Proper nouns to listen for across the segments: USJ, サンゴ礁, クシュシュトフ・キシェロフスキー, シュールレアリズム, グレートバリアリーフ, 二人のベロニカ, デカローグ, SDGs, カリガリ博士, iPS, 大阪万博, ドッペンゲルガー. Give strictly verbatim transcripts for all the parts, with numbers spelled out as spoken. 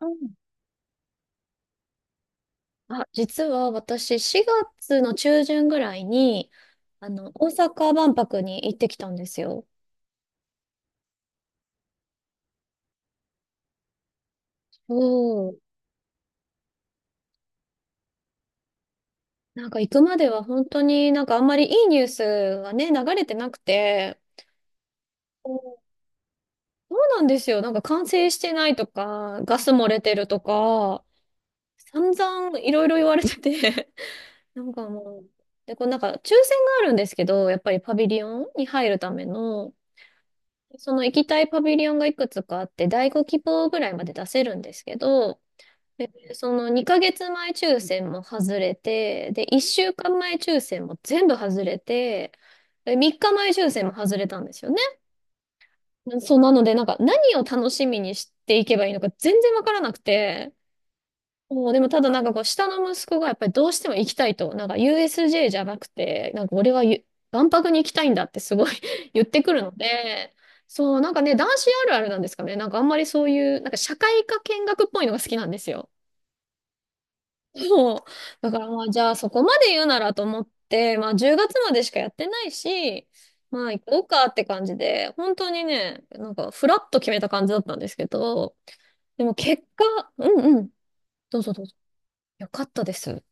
うん。あ、実は私しがつの中旬ぐらいに、あの、大阪万博に行ってきたんですよ。おー。なんか行くまでは本当になんかあんまりいいニュースがね、流れてなくて、おー、そうなんですよ。なんか完成してないとか、ガス漏れてるとか、散々いろいろ言われてて、なんかもう、で、こうなんか抽選があるんですけど、やっぱりパビリオンに入るための、その行きたいパビリオンがいくつかあって、だいご希望ぐらいまで出せるんですけど、えそのにかげつまえ抽選も外れて、で、いっしゅうかんまえ抽選も全部外れて、でみっかまえ抽選も外れたんですよね。そうなので、なんか何を楽しみにしていけばいいのか全然わからなくて、もうでもただなんかこう下の息子がやっぱりどうしても行きたいと、なんか ユーエスジェー じゃなくて、なんか俺はゆ万博に行きたいんだってすごい 言ってくるので、そう、なんかね、男子あるあるなんですかね。なんかあんまりそういう、なんか社会科見学っぽいのが好きなんですよ。そう。だからまあじゃあそこまで言うならと思って、まあじゅうがつまでしかやってないし、まあ行こうかって感じで、本当にね、なんかフラッと決めた感じだったんですけど、でも結果、うんうん、どうぞどうぞ。よかったです。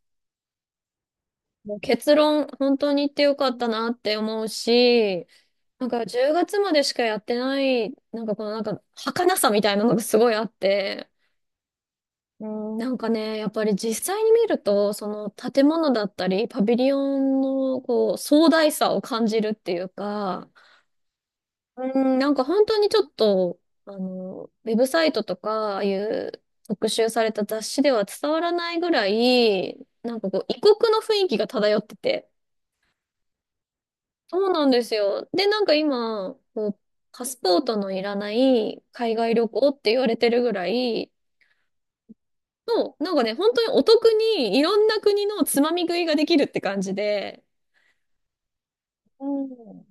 もう結論、本当に行ってよかったなって思うし、なんかじゅうがつまでしかやってない、なんかこのなんか儚さみたいなのがすごいあって、うん、なんかね、やっぱり実際に見ると、その建物だったり、パビリオンのこう壮大さを感じるっていうか、うん、なんか本当にちょっと、あの、ウェブサイトとか、ああいう特集された雑誌では伝わらないぐらい、なんかこう異国の雰囲気が漂ってて、そうなんですよ。で、なんか今、こう、パスポートのいらない海外旅行って言われてるぐらいの、なんかね、本当にお得にいろんな国のつまみ食いができるって感じで、うん。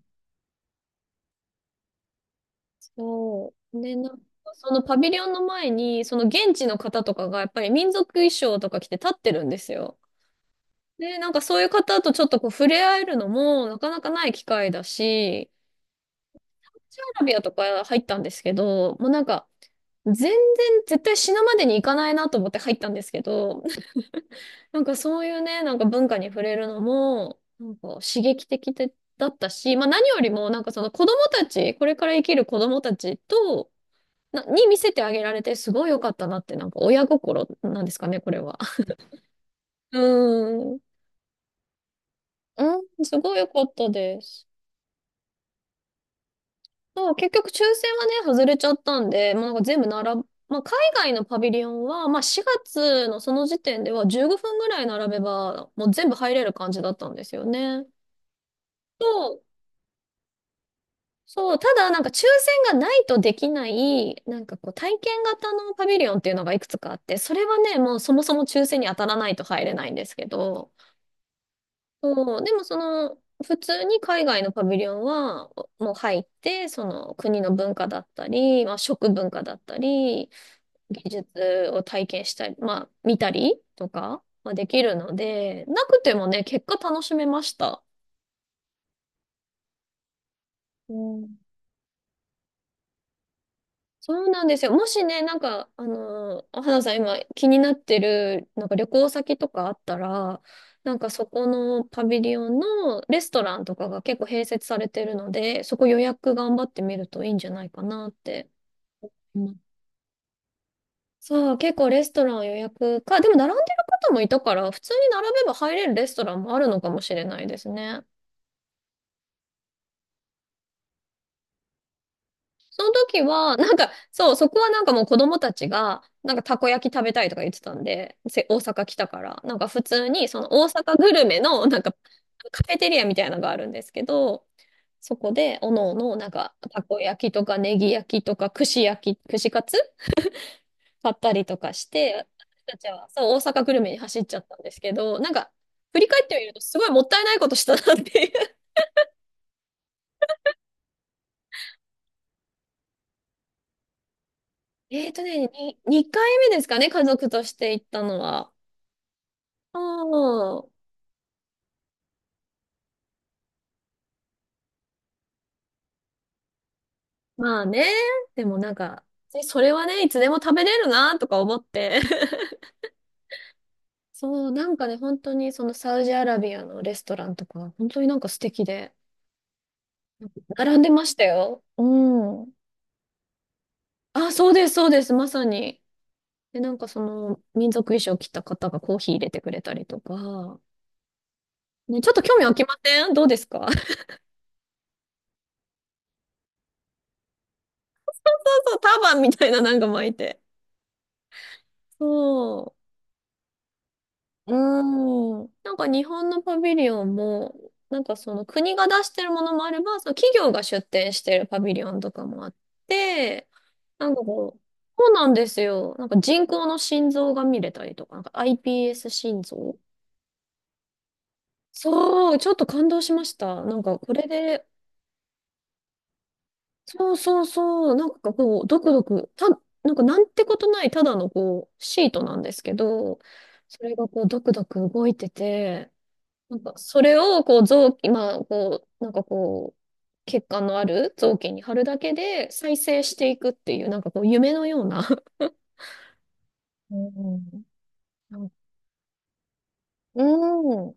そう。で、なんかそのパビリオンの前に、その現地の方とかがやっぱり民族衣装とか着て立ってるんですよ。で、なんかそういう方とちょっとこう触れ合えるのもなかなかない機会だし、サウジアラビアとか入ったんですけど、もうなんか、全然絶対死ぬまでに行かないなと思って入ったんですけど、なんかそういうね、なんか文化に触れるのも、なんか刺激的でだったし、まあ何よりもなんかその子供たち、これから生きる子供たちと、な、に見せてあげられてすごい良かったなって、なんか親心なんですかね、これは。うん。うん、すごい良かったです。そう、結局抽選はね、外れちゃったんで、もうなんか全部並ぶ、まあ、海外のパビリオンは、まあ、しがつのその時点ではじゅうごふんぐらい並べば、もう全部入れる感じだったんですよね。そう、そう、ただなんか抽選がないとできない、なんかこう体験型のパビリオンっていうのがいくつかあって、それはね、もうそもそも抽選に当たらないと入れないんですけど、そう、でもその、普通に海外のパビリオンはもう入って、その国の文化だったり、まあ、食文化だったり、技術を体験したり、まあ、見たりとか、まあ、できるので、なくてもね、結果楽しめました。うん、そうなんですよ。もしね、なんか、あのー、花さん今気になってる、なんか旅行先とかあったら、なんかそこのパビリオンのレストランとかが結構併設されてるので、そこ予約頑張ってみるといいんじゃないかなって。そう、結構レストラン予約か、でも並んでる方もいたから、普通に並べば入れるレストランもあるのかもしれないですね。その時は、なんか、そう、そこはなんかもう子供たちが、なんかたこ焼き食べたいとか言ってたんで、せ大阪来たから、なんか普通にその大阪グルメの、なんかカフェテリアみたいなのがあるんですけど、そこで、おのおの、なんか、たこ焼きとか、ネギ焼きとか、串焼き、串カツ買ったりとかして、私たちはそう大阪グルメに走っちゃったんですけど、なんか、振り返ってみるとすごいもったいないことしたなっていう。えっとね、に、にかいめですかね、家族として行ったのは。うん。まあね、でもなんか、それはね、いつでも食べれるなとか思って。そう、なんかね、本当にそのサウジアラビアのレストランとか、本当になんか素敵で、並んでましたよ。うん。あ、そうです、そうです、まさに。で、なんかその民族衣装着た方がコーヒー入れてくれたりとか、ね、ちょっと興味湧きませんどうですか？ そう。そう、ターバンみたいななんか巻いて。そう。うん。なんか日本のパビリオンも、なんかその国が出してるものもあれば、その企業が出展してるパビリオンとかもあって、なんかこう、そうなんですよ。なんか人工の心臓が見れたりとか、なんか アイピーエス 心臓、そう、ちょっと感動しました。なんかこれで、そうそうそう、なんかこう、ドクドク、た、なんかなんてことないただのこう、シートなんですけど、それがこう、ドクドク動いてて、なんかそれをこう、臓器、まあこう、なんかこう、血管のある臓器に貼るだけで再生していくっていう、なんかこう、夢のような。うん。なん、うん。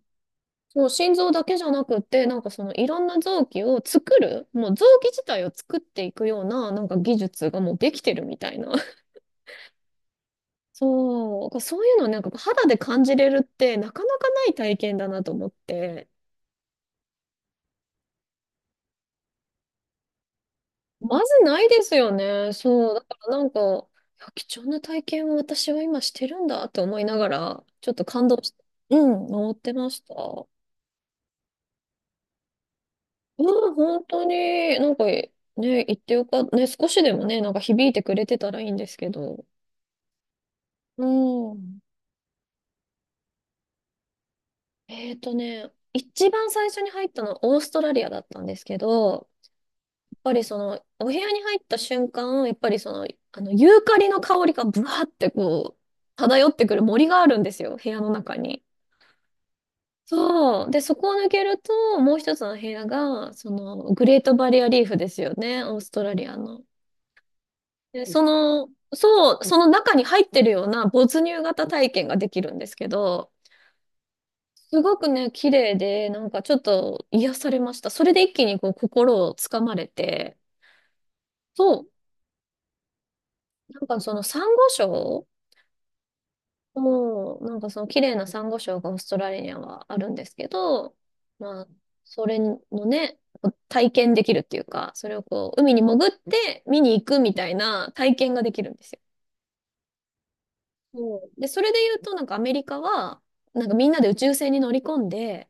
そう、心臓だけじゃなくて、なんかそのいろんな臓器を作る、もう臓器自体を作っていくような、なんか技術がもうできてるみたいな。そう、そういうのをなんか肌で感じれるってなかなかない体験だなと思って。まずないですよね。そう。だからなんか、いや貴重な体験を私は今してるんだと思いながら、ちょっと感動して、うん、回ってました。うん、本当に、なんかね、言ってよかった。ね、少しでもね、なんか響いてくれてたらいいんですけど。うん。えーとね、一番最初に入ったのはオーストラリアだったんですけど、ぱりその、お部屋に入った瞬間、やっぱりその、あの、ユーカリの香りがブワーってこう、漂ってくる森があるんですよ、部屋の中に。そう。で、そこを抜けると、もう一つの部屋が、その、グレートバリアリーフですよね、オーストラリアの。で、その、そう、その中に入ってるような没入型体験ができるんですけど、すごくね、綺麗で、なんかちょっと癒されました。それで一気にこう、心をつかまれて、そう。なんかその、珊瑚礁。もう、なんかその綺麗なサンゴ礁がオーストラリアはあるんですけど、まあ、それのね、こう体験できるっていうか、それをこう、海に潜って見に行くみたいな体験ができるんですよ。そう。で、それで言うと、なんかアメリカは、なんかみんなで宇宙船に乗り込んで、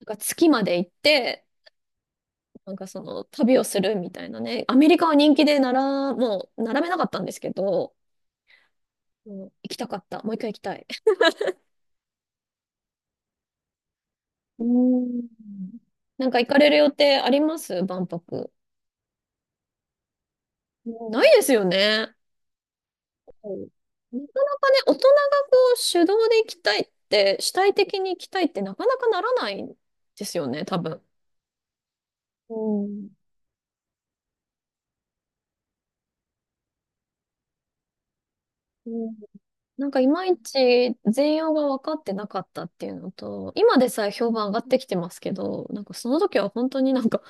なんか月まで行って、なんかその旅をするみたいなね、アメリカは人気でなら、もう並べなかったんですけど、もう行きたかった。もう一回行きたい。うーん。なんか行かれる予定あります、万博？ないですよね。うんなかなかね、大人がこう主導で行きたいって、主体的に行きたいってなかなかならないんですよね、多分。うん。うん、なんかいまいち全容が分かってなかったっていうのと、今でさえ評判上がってきてますけど、なんかその時は本当になんか、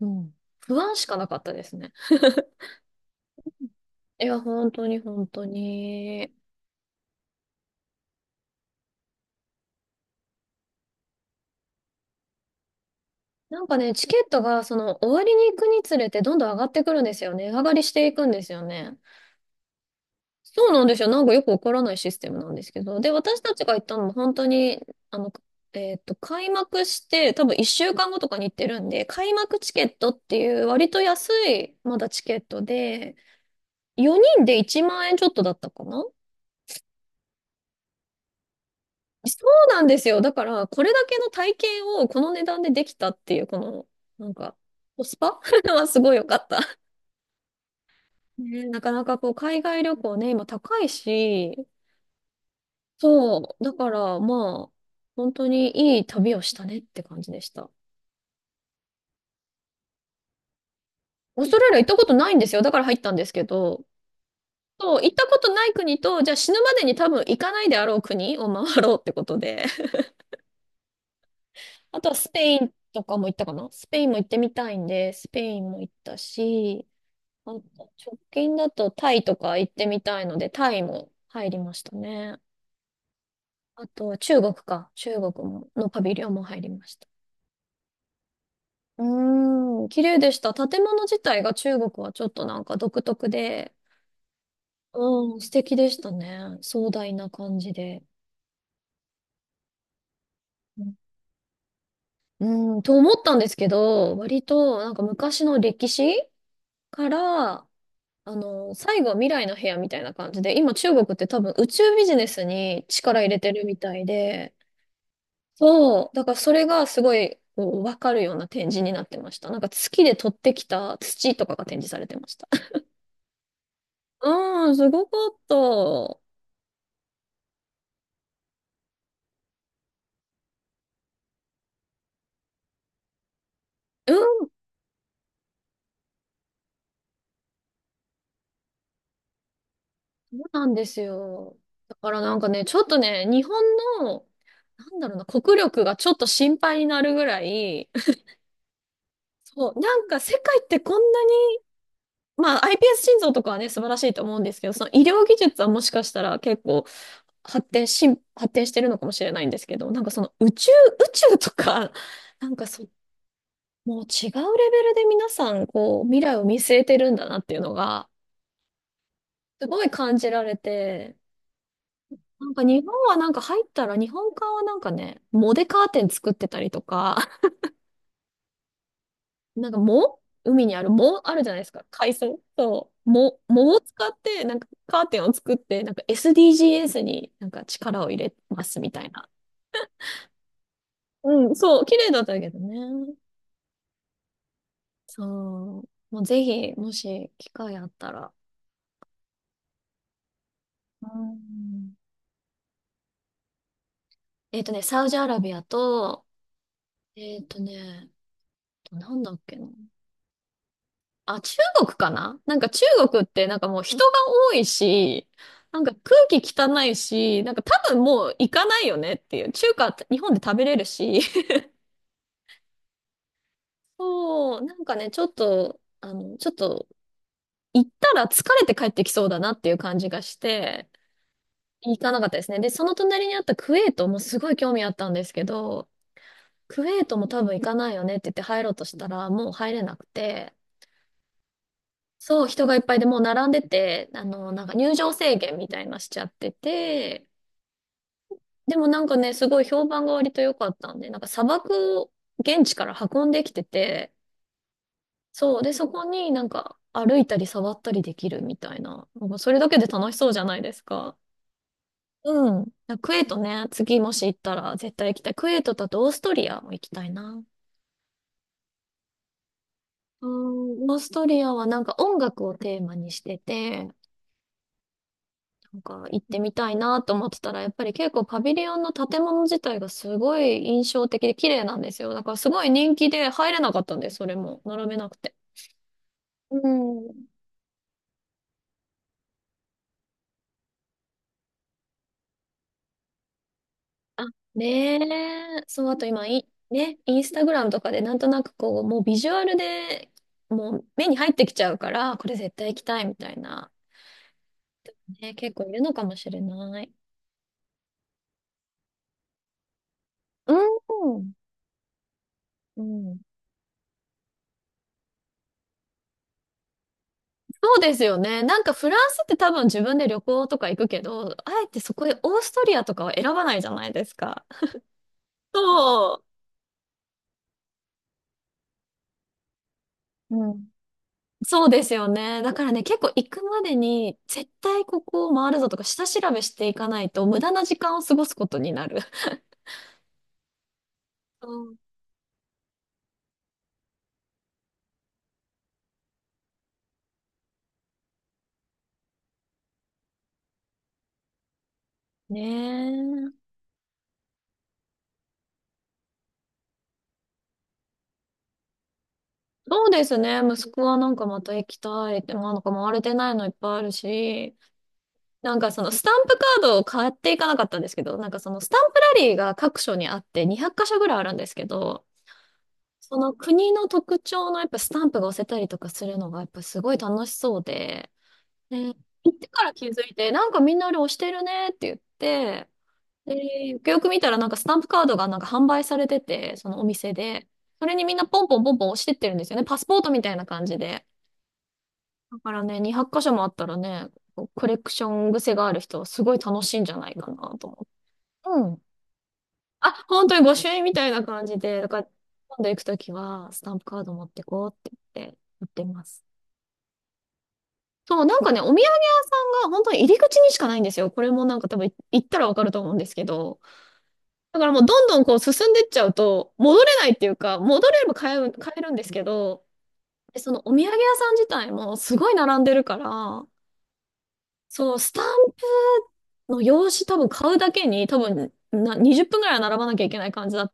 うん、不安しかなかったですね。いや、本当に本当に。なんかね、チケットがその終わりに行くにつれてどんどん上がってくるんですよね。値上がりしていくんですよね。そうなんですよ。なんかよくわからないシステムなんですけど。で、私たちが行ったのも本当に、あの、えっと、開幕して多分いっしゅうかんごとかに行ってるんで、開幕チケットっていう割と安いまだチケットで、よにんでいちまん円ちょっとだったかな？そうなんですよ。だから、これだけの体験をこの値段でできたっていう、この、なんか、コスパ はすごい良かった。ね、なかなかこう、海外旅行ね、今高いし、そう、だからまあ、本当にいい旅をしたねって感じでした。オーストラリア行ったことないんですよ。だから入ったんですけど、そう、行ったことない国と、じゃあ死ぬまでに多分行かないであろう国を回ろうってことで。あとはスペインとかも行ったかな。スペインも行ってみたいんで、スペインも行ったし、あと直近だとタイとか行ってみたいので、タイも入りましたね。あとは中国か。中国も、のパビリオンも入りました。うーん。綺麗でした。建物自体が中国はちょっとなんか独特で、うん、素敵でしたね。壮大な感じで。うん、と思ったんですけど、割となんか昔の歴史から、あの、最後は未来の部屋みたいな感じで、今中国って多分宇宙ビジネスに力入れてるみたいで、そう。だからそれがすごい、こう、わかるような展示になってました。なんか月で取ってきた土とかが展示されてました。うん、すごかった。うん、そうなんですよ。だからなんかね、ちょっとね、日本の、なんだろうな、国力がちょっと心配になるぐらい、そう、なんか世界ってこんなに、まあ iPS 心臓とかはね、素晴らしいと思うんですけど、その医療技術はもしかしたら結構発展し、発展してるのかもしれないんですけど、なんかその宇宙、宇宙とか、なんかそ、もう違うレベルで皆さん、こう、未来を見据えてるんだなっていうのが、すごい感じられて、なんか日本はなんか入ったら、日本館はなんかね、藻でカーテン作ってたりとか、なんか藻海にある藻あるじゃないですか。海藻。そう。藻、藻を使って、なんかカーテンを作って、なんか エスディージーズ になんか力を入れますみたいな。うん、そう、綺麗だったけどね。そう。もうぜひ、もし機会あったら。うん。えっとね、サウジアラビアと、えっとね、なんだっけな。あ、中国かな。なんか中国ってなんかもう人が多いし、なんか空気汚いし、なんか多分もう行かないよねっていう。中華って日本で食べれるし。そう、なんかね、ちょっと、あの、ちょっと行ったら疲れて帰ってきそうだなっていう感じがして、行かなかったですね。で、その隣にあったクウェートもすごい興味あったんですけど、クウェートも多分行かないよねって言って入ろうとしたら、もう入れなくて、そう、人がいっぱいでもう並んでて、あの、なんか入場制限みたいなしちゃってて、でもなんかね、すごい評判が割と良かったんで、なんか砂漠を現地から運んできてて、そう、で、そこになんか歩いたり触ったりできるみたいな、なんかそれだけで楽しそうじゃないですか。うん。クエートね、次もし行ったら絶対行きたい。クエートだとオーストリアも行きたいな。あ、オーストリアはなんか音楽をテーマにしてて、なんか行ってみたいなと思ってたら、やっぱり結構パビリオンの建物自体がすごい印象的で綺麗なんですよ。だからすごい人気で入れなかったんです、それも。並べなくて。うん。あ、ねえ。そう、あと今、い、ね、インスタグラムとかでなんとなくこう、もうビジュアルでもう目に入ってきちゃうから、これ絶対行きたいみたいな。ね、結構いるのかもしれない。うん。うん。そうですよね。なんかフランスって多分自分で旅行とか行くけど、あえてそこでオーストリアとかは選ばないじゃないですか。そう。うん。そうですよね。だからね、結構行くまでに絶対ここを回るぞとか下調べしていかないと無駄な時間を過ごすことになる。うん。ねえ。そうですね。息子はなんかまた行きたいって、なんか回れてないのいっぱいあるし、なんかそのスタンプカードを買っていかなかったんですけど、なんかそのスタンプラリーが各所にあってにひゃく箇所ぐらいあるんですけど、その国の特徴のやっぱスタンプが押せたりとかするのがやっぱすごい楽しそうで、で、行ってから気づいて、なんかみんなあれ押してるねって言って、で、よくよく見たらなんかスタンプカードがなんか販売されてて、そのお店で、それにみんなポンポンポンポン押してってるんですよね。パスポートみたいな感じで。だからね、にひゃく箇所もあったらね、こうコレクション癖がある人はすごい楽しいんじゃないかなと思って。うん。あ、本当に御朱印みたいな感じで、だから今度行くときはスタンプカード持ってこうって言って、売ってます。そう、なんかね、お土産屋さんが本当に入り口にしかないんですよ。これもなんか多分い行ったらわかると思うんですけど。だからもうどんどんこう進んでっちゃうと、戻れないっていうか、戻れれば買える、買えるんですけど、でそのお土産屋さん自体もすごい並んでるから、そう、スタンの用紙多分買うだけに多分なにじゅっぷんぐらいは並ばなきゃいけない感じだった。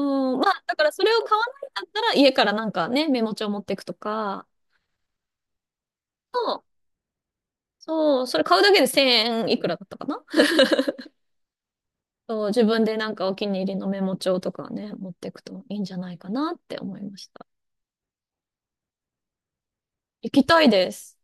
うん、まあだからそれを買わないんだったら家からなんかね、メモ帳持っていくとか、そう、それ買うだけでせんえんいくらだったかな？そう、自分でなんかお気に入りのメモ帳とかね、持っていくといいんじゃないかなって思いました。行きたいです。